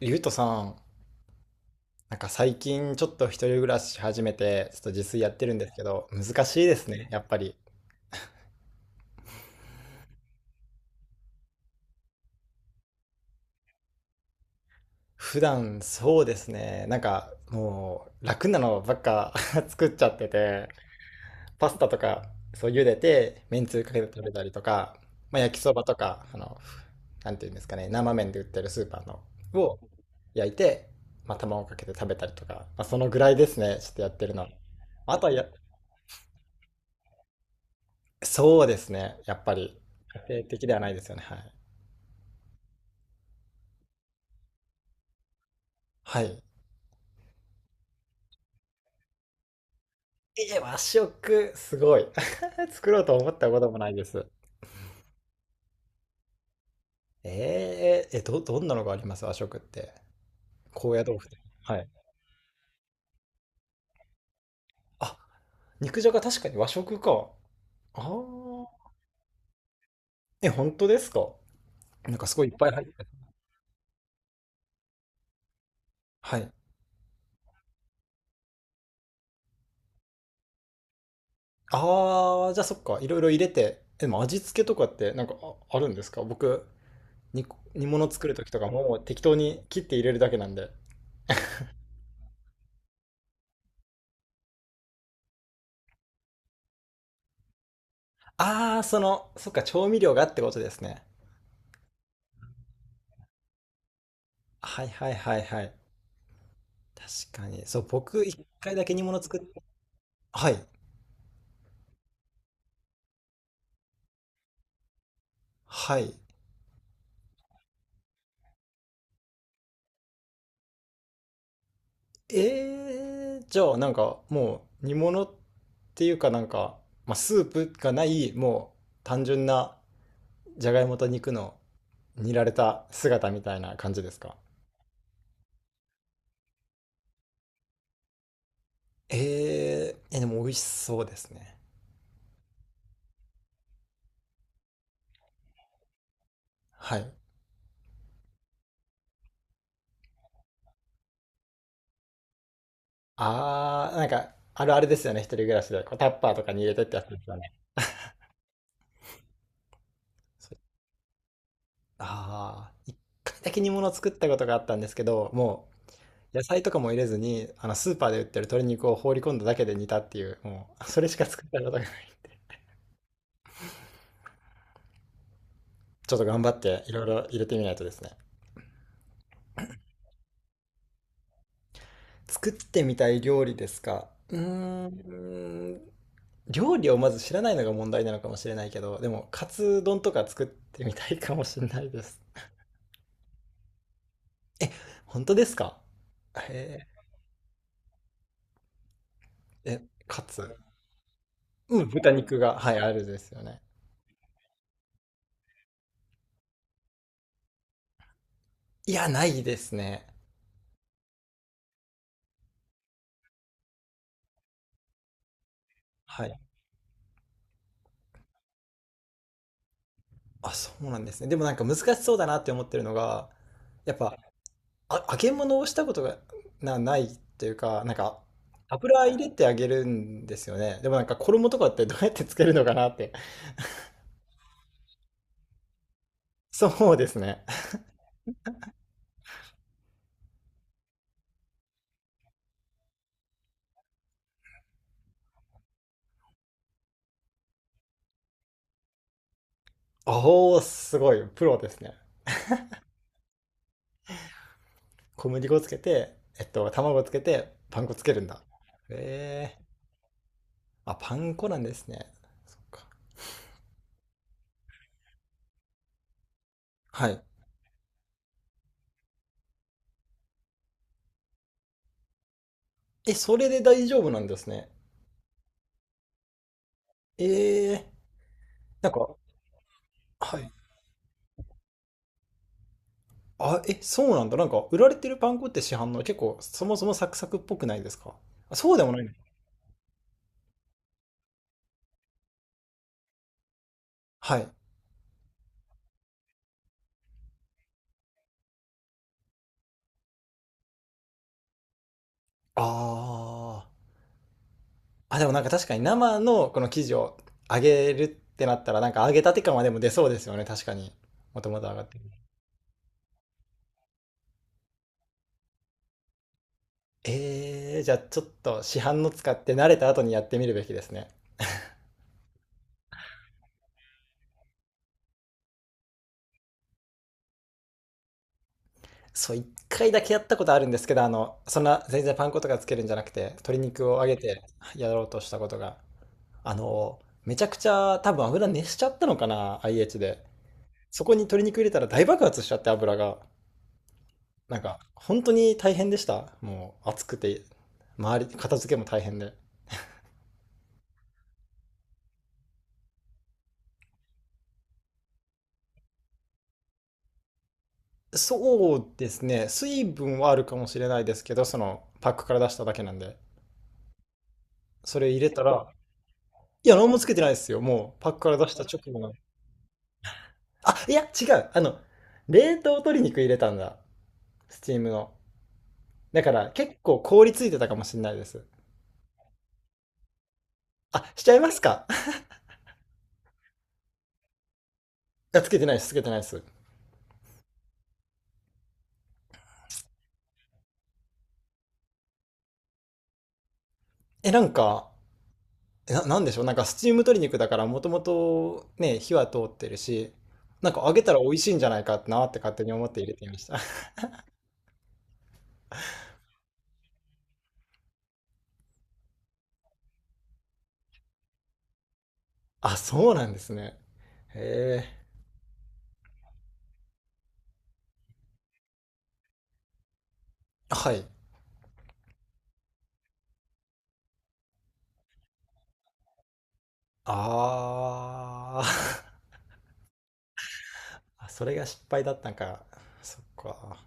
ゆうとさん、なんか最近ちょっと一人暮らし始めて、ちょっと自炊やってるんですけど、難しいですね、やっぱり。普段そうですね、なんかもう楽なのばっか 作っちゃってて、パスタとか、そう、茹でて、めんつゆかけて食べたりとか、まあ、焼きそばとか、なんていうんですかね、生麺で売ってるスーパーのを焼いて、まあ、卵かけて食べたりとか、まあ、そのぐらいですね、ちょっとやってるのは。あとはや、そうですね。やっぱり、家庭的ではないですよね。はい。はい。和食、すごい。作ろうと思ったこともないです。どんなのがあります、和食って。高野豆腐で。はい。あ、肉じゃが確かに和食か。ああ。え、本当ですか？なんかすごいいっぱい入って。はい。ああ、じゃあそっか。いろいろ入れて。え、でも味付けとかってなんか、あ、あるんですか？僕、煮、煮物作るときとかもう適当に切って入れるだけなんで。ああ、その、そっか、調味料がってことですね。はいはいはいはい。確かに。そう、僕、一回だけ煮物作って、はい。はい。じゃあ、なんか、もう、煮物っていうかなんか、まあ、スープがない、もう、単純な、じゃがいもと肉の煮られた姿みたいな感じですか？え、でも美味しそうですね。はい。あー、なんか、あるあるですよね、一人暮らしで。こうタッパーとかに入れてってやつですよね。ああ、一回だけ煮物を作ったことがあったんですけど、もう野菜とかも入れずに、あのスーパーで売ってる鶏肉を放り込んだだけで煮たっていう、もうそれしか作ったことがない。ちょっと頑張っていろいろ入れてみないとですね。作ってみたい料理ですか。うーん、料理をまず知らないのが問題なのかもしれないけど、でもカツ丼とか作ってみたいかもしれないです。本当ですか？へえ、え、カツ。うん、豚肉が、はい、あるですよね。いや、ないですね。はい。あ、そうなんですね。でもなんか難しそうだなって思ってるのが、やっぱ、あ、揚げ物をしたことがないっていうか、なんか、油入れて揚げるんですよね。でもなんか衣とかってどうやってつけるのかなって。そうですね。おおー、すごい、プロですね。小麦粉つけて、えっと、卵つけて、パン粉つけるんだ。ええ、あ、パン粉なんですね。そっか。はい。え、それで大丈夫なんですね。ええ、なんか、はい。あ、え、そうなんだ。なんか、売られてるパン粉って市販の結構、そもそもサクサクっぽくないですか？あ、そうでもないの？はい。ああ。あ、でもなんか確かに生のこの生地を揚げるってなったら、なんか揚げたて感はでも出そうですよね。確かに。もともと揚がってる。じゃあちょっと市販の使って慣れた後にやってみるべきですね。そう、一回だけやったことあるんですけど、あの、そんな全然パン粉とかつけるんじゃなくて、鶏肉を揚げてやろうとしたことが。あの、めちゃくちゃ多分油熱しちゃったのかな、IH で。そこに鶏肉入れたら大爆発しちゃって油が。なんか、本当に大変でした。もう暑くて、周り、片付けも大変で。そうですね。水分はあるかもしれないですけど、そのパックから出しただけなんで。それ入れたら、いや、何もつけてないですよ。もうパックから出した直後の。あ、いや、違う。あの、冷凍鶏肉入れたんだ。スチームの。だから結構凍りついてたかもしれないです。あ、しちゃいますか？つけてないです、つけてないです。え、なんか、なんでしょう、なんかスチーム鶏肉だからもともとね、火は通ってるし、なんか揚げたら美味しいんじゃないかなって勝手に思って入れてみました。あ、そうなんですね。へえ。はい。あー。 あ、それが失敗だったんか。そっか。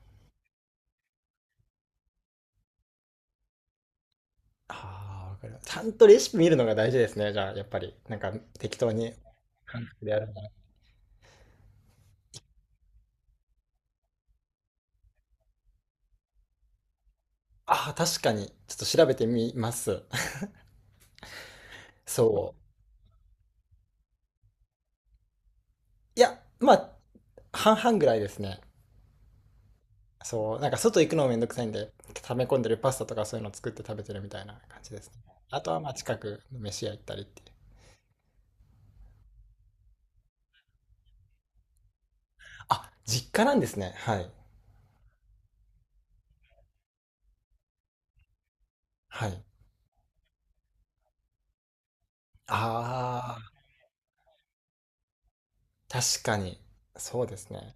ああ、わかる。ちゃんとレシピ見るのが大事ですね。じゃあ、やっぱり。なんか適当に感覚でやるんだな。ああ、確かに。ちょっと調べてみます。そう。いや、まあ、半々ぐらいですね。そう、なんか外行くのもめんどくさいんで、溜め込んでるパスタとかそういうの作って食べてるみたいな感じですね。あとはまあ近くの飯屋行ったりっていう。あ、実家なんですね。はい。はい。ああ、確かに。そうですね。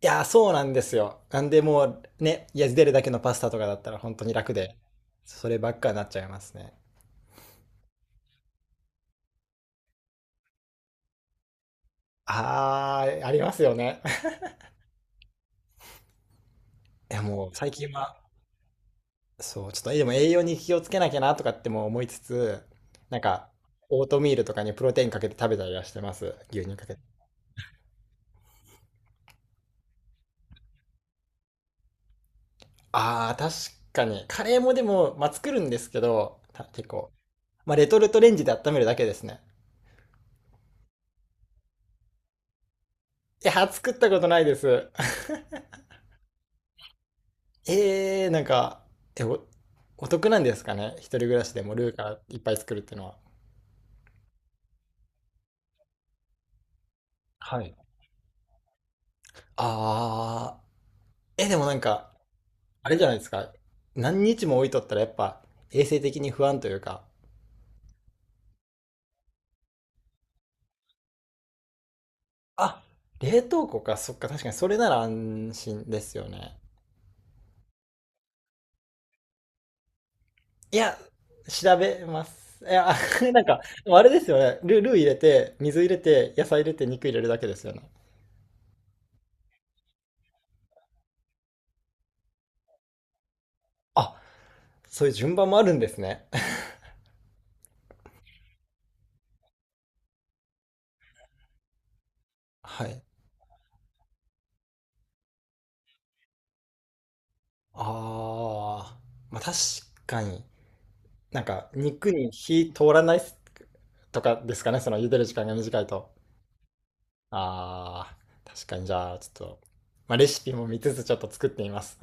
いやー、そうなんですよ。なんでもうね、いや茹でるだけのパスタとかだったら本当に楽で、そればっかになっちゃいますね。ああ、ありますよね。いやもう最近はそう、ちょっとでも栄養に気をつけなきゃなとかっても思いつつ、なんか、オートミールとかにプロテインかけて食べたりはしてます。牛乳かけて。ああ、確かに。カレーもでも、まあ、作るんですけど、結構。まあ、レトルトレンジで温めるだけですね。いや、作ったことないです。ええー、なんか、え、お、お得なんですかね。一人暮らしでもルーからいっぱい作るっていうのは。はい。ああ、え、でもなんか、あれじゃないですか。何日も置いとったらやっぱ衛生的に不安というか、あ、冷凍庫か、そっか、確かにそれなら安心ですよね。いや、調べます。いや、なんか、でもあれですよね。ルー入れて、水入れて、野菜入れて、肉入れるだけですよね。あ、そういう順番もあるんですね。はい。ああ、まあ確かに。なんか、肉に火通らないとかですかね、その茹でる時間が短いと。ああ、確かにじゃあ、ちょっと、まあレシピも見つつちょっと作ってみます。